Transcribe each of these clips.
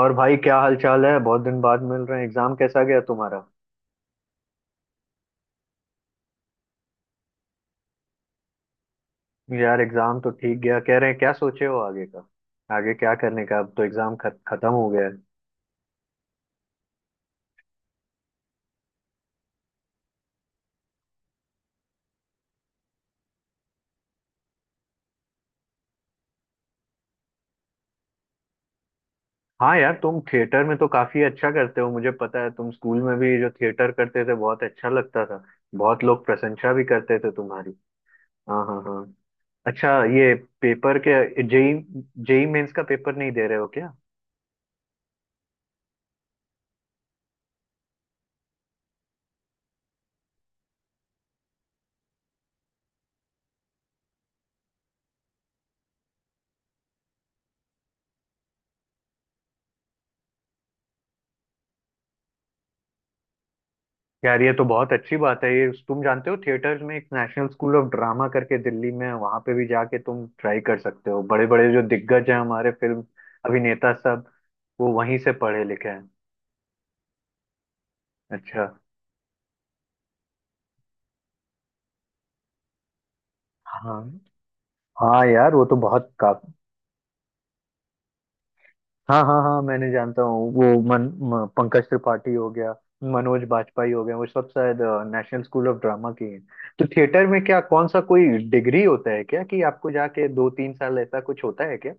और भाई, क्या हाल चाल है? बहुत दिन बाद मिल रहे हैं। एग्जाम कैसा गया तुम्हारा? यार एग्जाम तो ठीक गया, कह रहे हैं। क्या सोचे हो आगे का? आगे क्या करने का, अब तो एग्जाम खत्म हो गया है। हाँ यार, तुम थिएटर में तो काफी अच्छा करते हो, मुझे पता है। तुम स्कूल में भी जो थिएटर करते थे, बहुत अच्छा लगता था। बहुत लोग प्रशंसा भी करते थे तुम्हारी। हाँ हाँ हाँ। अच्छा। ये पेपर के जेई जेई मेंस का पेपर नहीं दे रहे हो क्या? यार, ये तो बहुत अच्छी बात है। ये तुम जानते हो, थिएटर्स में एक नेशनल स्कूल ऑफ ड्रामा करके दिल्ली में है, वहां पे भी जाके तुम ट्राई कर सकते हो। बड़े बड़े जो दिग्गज हैं हमारे फिल्म अभिनेता सब, वो वहीं से पढ़े लिखे हैं। अच्छा। हाँ हाँ यार, वो तो बहुत काफी। हाँ हाँ हाँ, मैंने जानता हूँ वो। पंकज त्रिपाठी हो गया, मनोज बाजपेयी हो गया, वो सब शायद नेशनल स्कूल ऑफ ड्रामा के हैं। तो थिएटर में क्या, कौन सा कोई डिग्री होता है क्या, कि आपको जाके 2-3 साल ऐसा कुछ होता है क्या?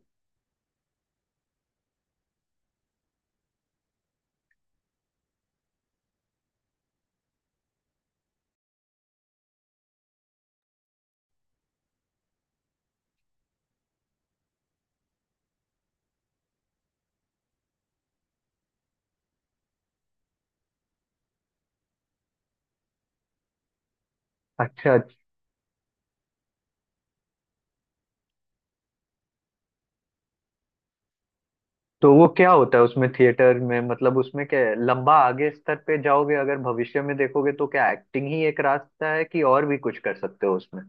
अच्छा। तो वो क्या होता है उसमें थिएटर में, मतलब उसमें क्या है? लंबा आगे स्तर पे जाओगे, अगर भविष्य में देखोगे, तो क्या एक्टिंग ही एक रास्ता है कि और भी कुछ कर सकते हो उसमें?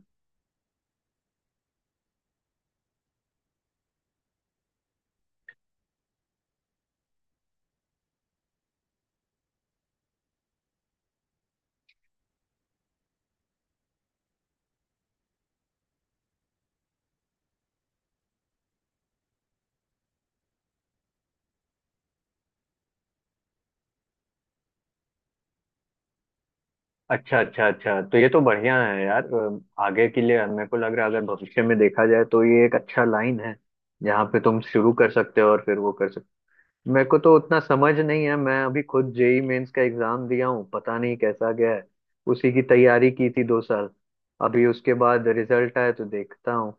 अच्छा अच्छा अच्छा, तो ये तो बढ़िया है यार। आगे के लिए मेरे को लग रहा है, अगर भविष्य में देखा जाए तो ये एक अच्छा लाइन है जहाँ पे तुम शुरू कर सकते हो और फिर वो कर सकते। मेरे को तो उतना समझ नहीं है। मैं अभी खुद जेई मेंस का एग्जाम दिया हूँ, पता नहीं कैसा गया है। उसी की तैयारी की थी 2 साल। अभी उसके बाद रिजल्ट आया तो देखता हूँ।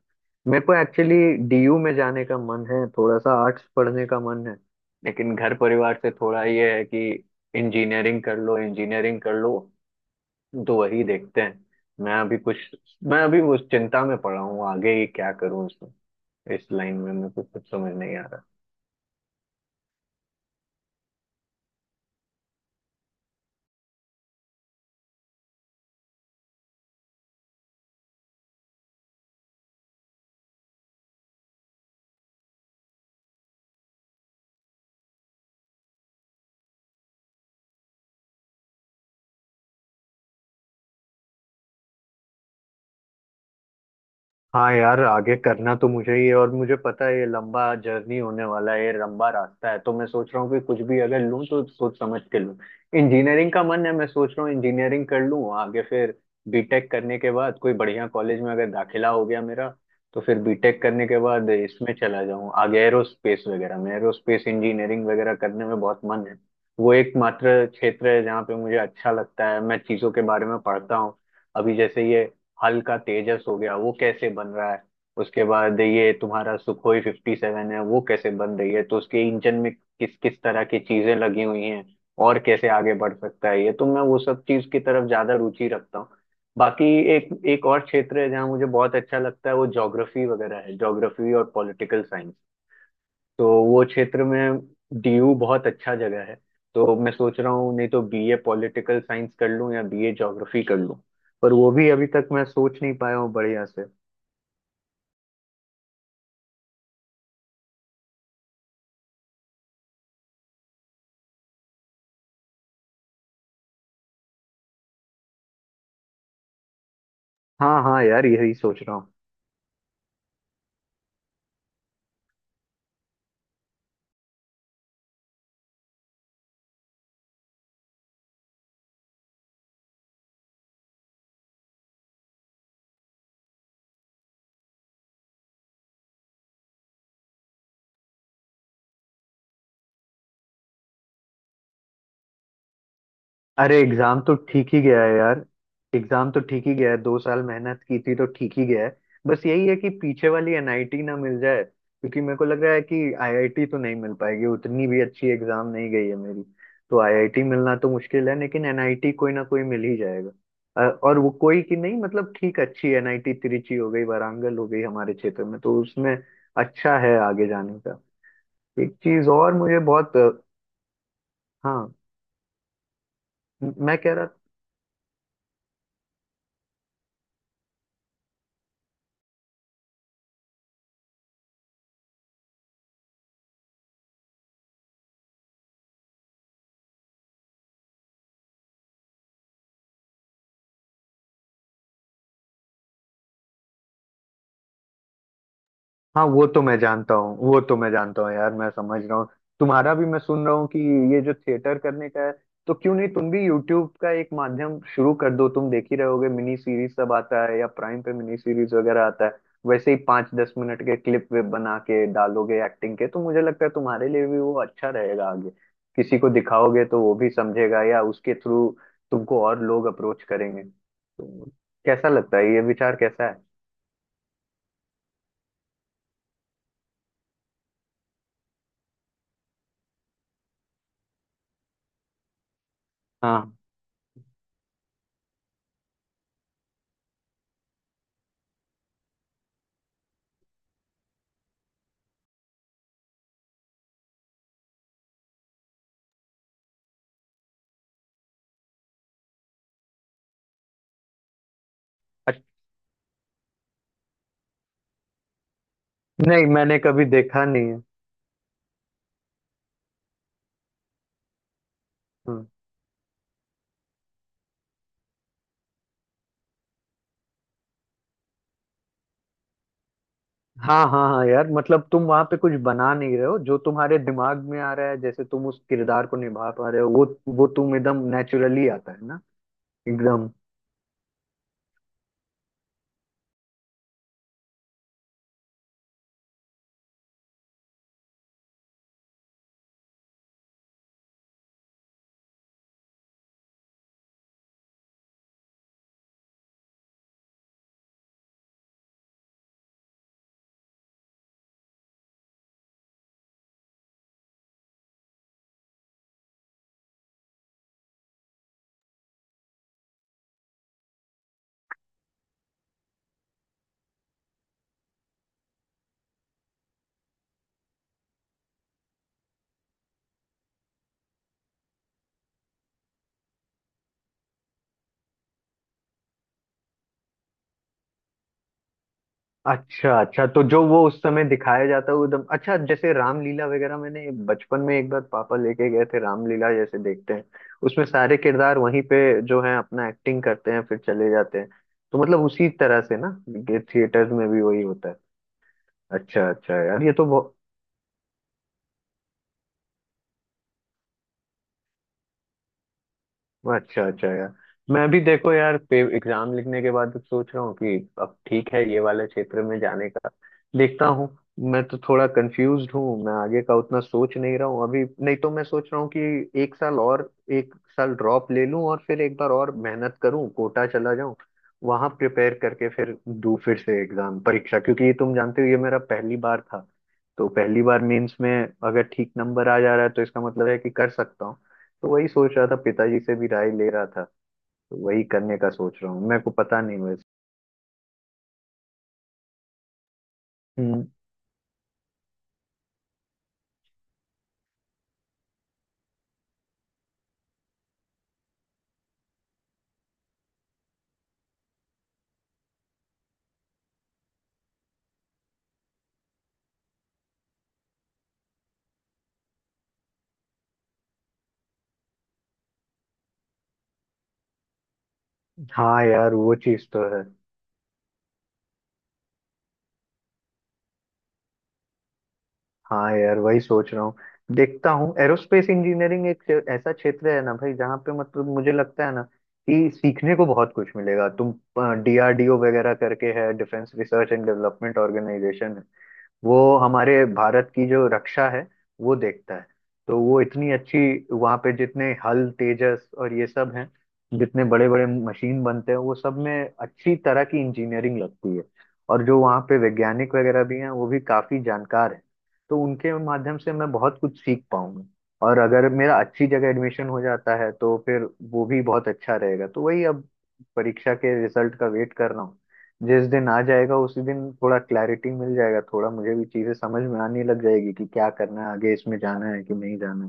मेरे को एक्चुअली डीयू में जाने का मन है, थोड़ा सा आर्ट्स पढ़ने का मन है। लेकिन घर परिवार से थोड़ा ये है कि इंजीनियरिंग कर लो, इंजीनियरिंग कर लो। तो वही देखते हैं। मैं अभी कुछ, मैं अभी उस चिंता में पड़ा हूँ आगे ही क्या करूँ इसमें। इस लाइन में मेरे को कुछ समझ नहीं आ रहा। हाँ यार, आगे करना तो मुझे ही है और मुझे पता है ये लंबा जर्नी होने वाला है, ये लंबा रास्ता है। तो मैं सोच रहा हूँ कि कुछ भी अगर लूँ तो सोच समझ के लूँ। इंजीनियरिंग का मन है, मैं सोच रहा हूँ इंजीनियरिंग कर लूँ आगे फिर। बीटेक करने के बाद कोई बढ़िया कॉलेज में अगर दाखिला हो गया मेरा, तो फिर बीटेक करने के बाद इसमें चला जाऊँ आगे, एरोस्पेस वगैरह में। एरोस्पेस इंजीनियरिंग वगैरह करने में बहुत मन है। वो एकमात्र क्षेत्र है जहाँ पे मुझे अच्छा लगता है, मैं चीज़ों के बारे में पढ़ता हूँ। अभी जैसे ये हल्का तेजस हो गया, वो कैसे बन रहा है। उसके बाद ये तुम्हारा सुखोई 57 है, वो कैसे बन रही है, तो उसके इंजन में किस किस तरह की चीजें लगी हुई हैं और कैसे आगे बढ़ सकता है। ये तो मैं वो सब चीज की तरफ ज्यादा रुचि रखता हूँ। बाकी एक एक और क्षेत्र है जहाँ मुझे बहुत अच्छा लगता है, वो ज्योग्राफी वगैरह है। ज्योग्राफी और पॉलिटिकल साइंस, तो वो क्षेत्र में डीयू बहुत अच्छा जगह है। तो मैं सोच रहा हूँ, नहीं तो बीए पॉलिटिकल साइंस कर लूँ या बीए ज्योग्राफी कर लूँ। पर वो भी अभी तक मैं सोच नहीं पाया हूँ बढ़िया से। हाँ हाँ यार, यही सोच रहा हूँ। अरे एग्जाम तो ठीक ही गया है यार, एग्जाम तो ठीक ही गया है। दो साल मेहनत की थी तो ठीक ही गया है। बस यही है कि पीछे वाली एनआईटी ना मिल जाए, क्योंकि मेरे को लग रहा है कि आईआईटी तो नहीं मिल पाएगी, उतनी भी अच्छी एग्जाम नहीं गई है मेरी। तो आईआईटी मिलना तो मुश्किल है, लेकिन एनआईटी कोई ना कोई मिल ही जाएगा। और वो कोई की नहीं, मतलब ठीक अच्छी एनआईटी, तिरुचि हो गई, वारांगल हो गई, हमारे क्षेत्र में, तो उसमें अच्छा है आगे जाने का। एक चीज और मुझे बहुत हाँ, मैं कह रहा। हाँ, वो तो मैं जानता हूँ, वो तो मैं जानता हूँ यार, मैं समझ रहा हूँ। तुम्हारा भी मैं सुन रहा हूँ कि ये जो थिएटर करने का है, तो क्यों नहीं तुम भी यूट्यूब का एक माध्यम शुरू कर दो। तुम देख ही रहोगे, मिनी सीरीज सब आता है, या प्राइम पे मिनी सीरीज वगैरह आता है। वैसे ही 5-10 मिनट के क्लिप वे बना के डालोगे एक्टिंग के, तो मुझे लगता है तुम्हारे लिए भी वो अच्छा रहेगा आगे। किसी को दिखाओगे तो वो भी समझेगा, या उसके थ्रू तुमको और लोग अप्रोच करेंगे। तो कैसा लगता है, ये विचार कैसा है? हाँ, नहीं मैंने कभी देखा नहीं है। हम्म। हाँ हाँ हाँ यार, मतलब तुम वहां पे कुछ बना नहीं रहे हो जो तुम्हारे दिमाग में आ रहा है, जैसे तुम उस किरदार को निभा पा रहे हो, वो तुम एकदम नेचुरली आता है ना, एकदम। अच्छा अच्छा, तो जो वो उस समय दिखाया जाता है वो एकदम अच्छा। जैसे रामलीला वगैरह, मैंने बचपन में एक बार पापा लेके गए थे रामलीला, जैसे देखते हैं उसमें सारे किरदार वहीं पे जो है अपना एक्टिंग करते हैं फिर चले जाते हैं। तो मतलब उसी तरह से ना, ये थिएटर में भी वही होता है। अच्छा अच्छा यार, ये तो अच्छा अच्छा यार। मैं भी देखो यार, एग्जाम लिखने के बाद अब सोच रहा हूँ कि अब ठीक है, ये वाले क्षेत्र में जाने का देखता हूँ। मैं तो थोड़ा कंफ्यूज्ड हूँ, मैं आगे का उतना सोच नहीं रहा हूँ अभी, नहीं तो मैं सोच रहा हूँ कि एक साल और, एक साल ड्रॉप ले लूँ और फिर एक बार और मेहनत करूँ, कोटा चला जाऊँ, वहां प्रिपेयर करके फिर दूँ फिर से एग्जाम परीक्षा। क्योंकि ये तुम जानते हो ये मेरा पहली बार था, तो पहली बार मेंस में अगर ठीक नंबर आ जा रहा है तो इसका मतलब है कि कर सकता हूँ। तो वही सोच रहा था, पिताजी से भी राय ले रहा था। तो वही करने का सोच रहा हूँ, मेरे को पता नहीं वैसे। हम्म। हाँ यार, वो चीज तो है। हाँ यार, वही सोच रहा हूँ, देखता हूँ। एरोस्पेस इंजीनियरिंग एक ऐसा क्षेत्र है ना भाई जहाँ पे, मतलब मुझे लगता है ना कि सीखने को बहुत कुछ मिलेगा। तुम डीआरडीओ वगैरह करके है, Defence Research and Development Organisation, वो हमारे भारत की जो रक्षा है वो देखता है। तो वो इतनी अच्छी, वहाँ पे जितने हल तेजस और ये सब हैं, जितने बड़े बड़े मशीन बनते हैं वो सब में अच्छी तरह की इंजीनियरिंग लगती है। और जो वहाँ पे वैज्ञानिक वगैरह भी हैं वो भी काफी जानकार हैं, तो उनके माध्यम से मैं बहुत कुछ सीख पाऊंगा। और अगर मेरा अच्छी जगह एडमिशन हो जाता है तो फिर वो भी बहुत अच्छा रहेगा। तो वही अब परीक्षा के रिजल्ट का वेट कर रहा हूँ। जिस दिन आ जाएगा उसी दिन थोड़ा क्लैरिटी मिल जाएगा, थोड़ा मुझे भी चीजें समझ में आने लग जाएगी कि क्या करना है, आगे इसमें जाना है कि नहीं जाना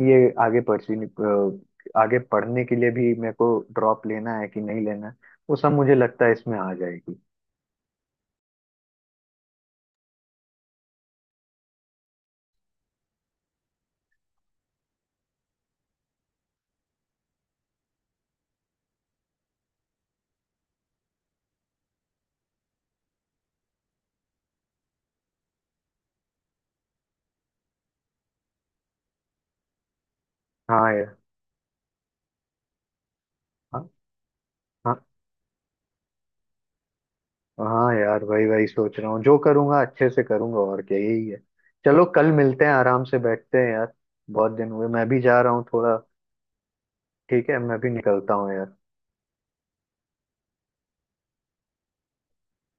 है। ये आगे परसी आगे पढ़ने के लिए भी मेरे को ड्रॉप लेना है कि नहीं लेना है, वो सब मुझे लगता है इसमें आ जाएगी। हाँ यार। हाँ हाँ हाँ यार, वही वही सोच रहा हूँ। जो करूँगा अच्छे से करूँगा, और क्या, यही है। चलो कल मिलते हैं, आराम से बैठते हैं यार। बहुत दिन हुए, मैं भी जा रहा हूँ थोड़ा। ठीक है, मैं भी निकलता हूँ यार।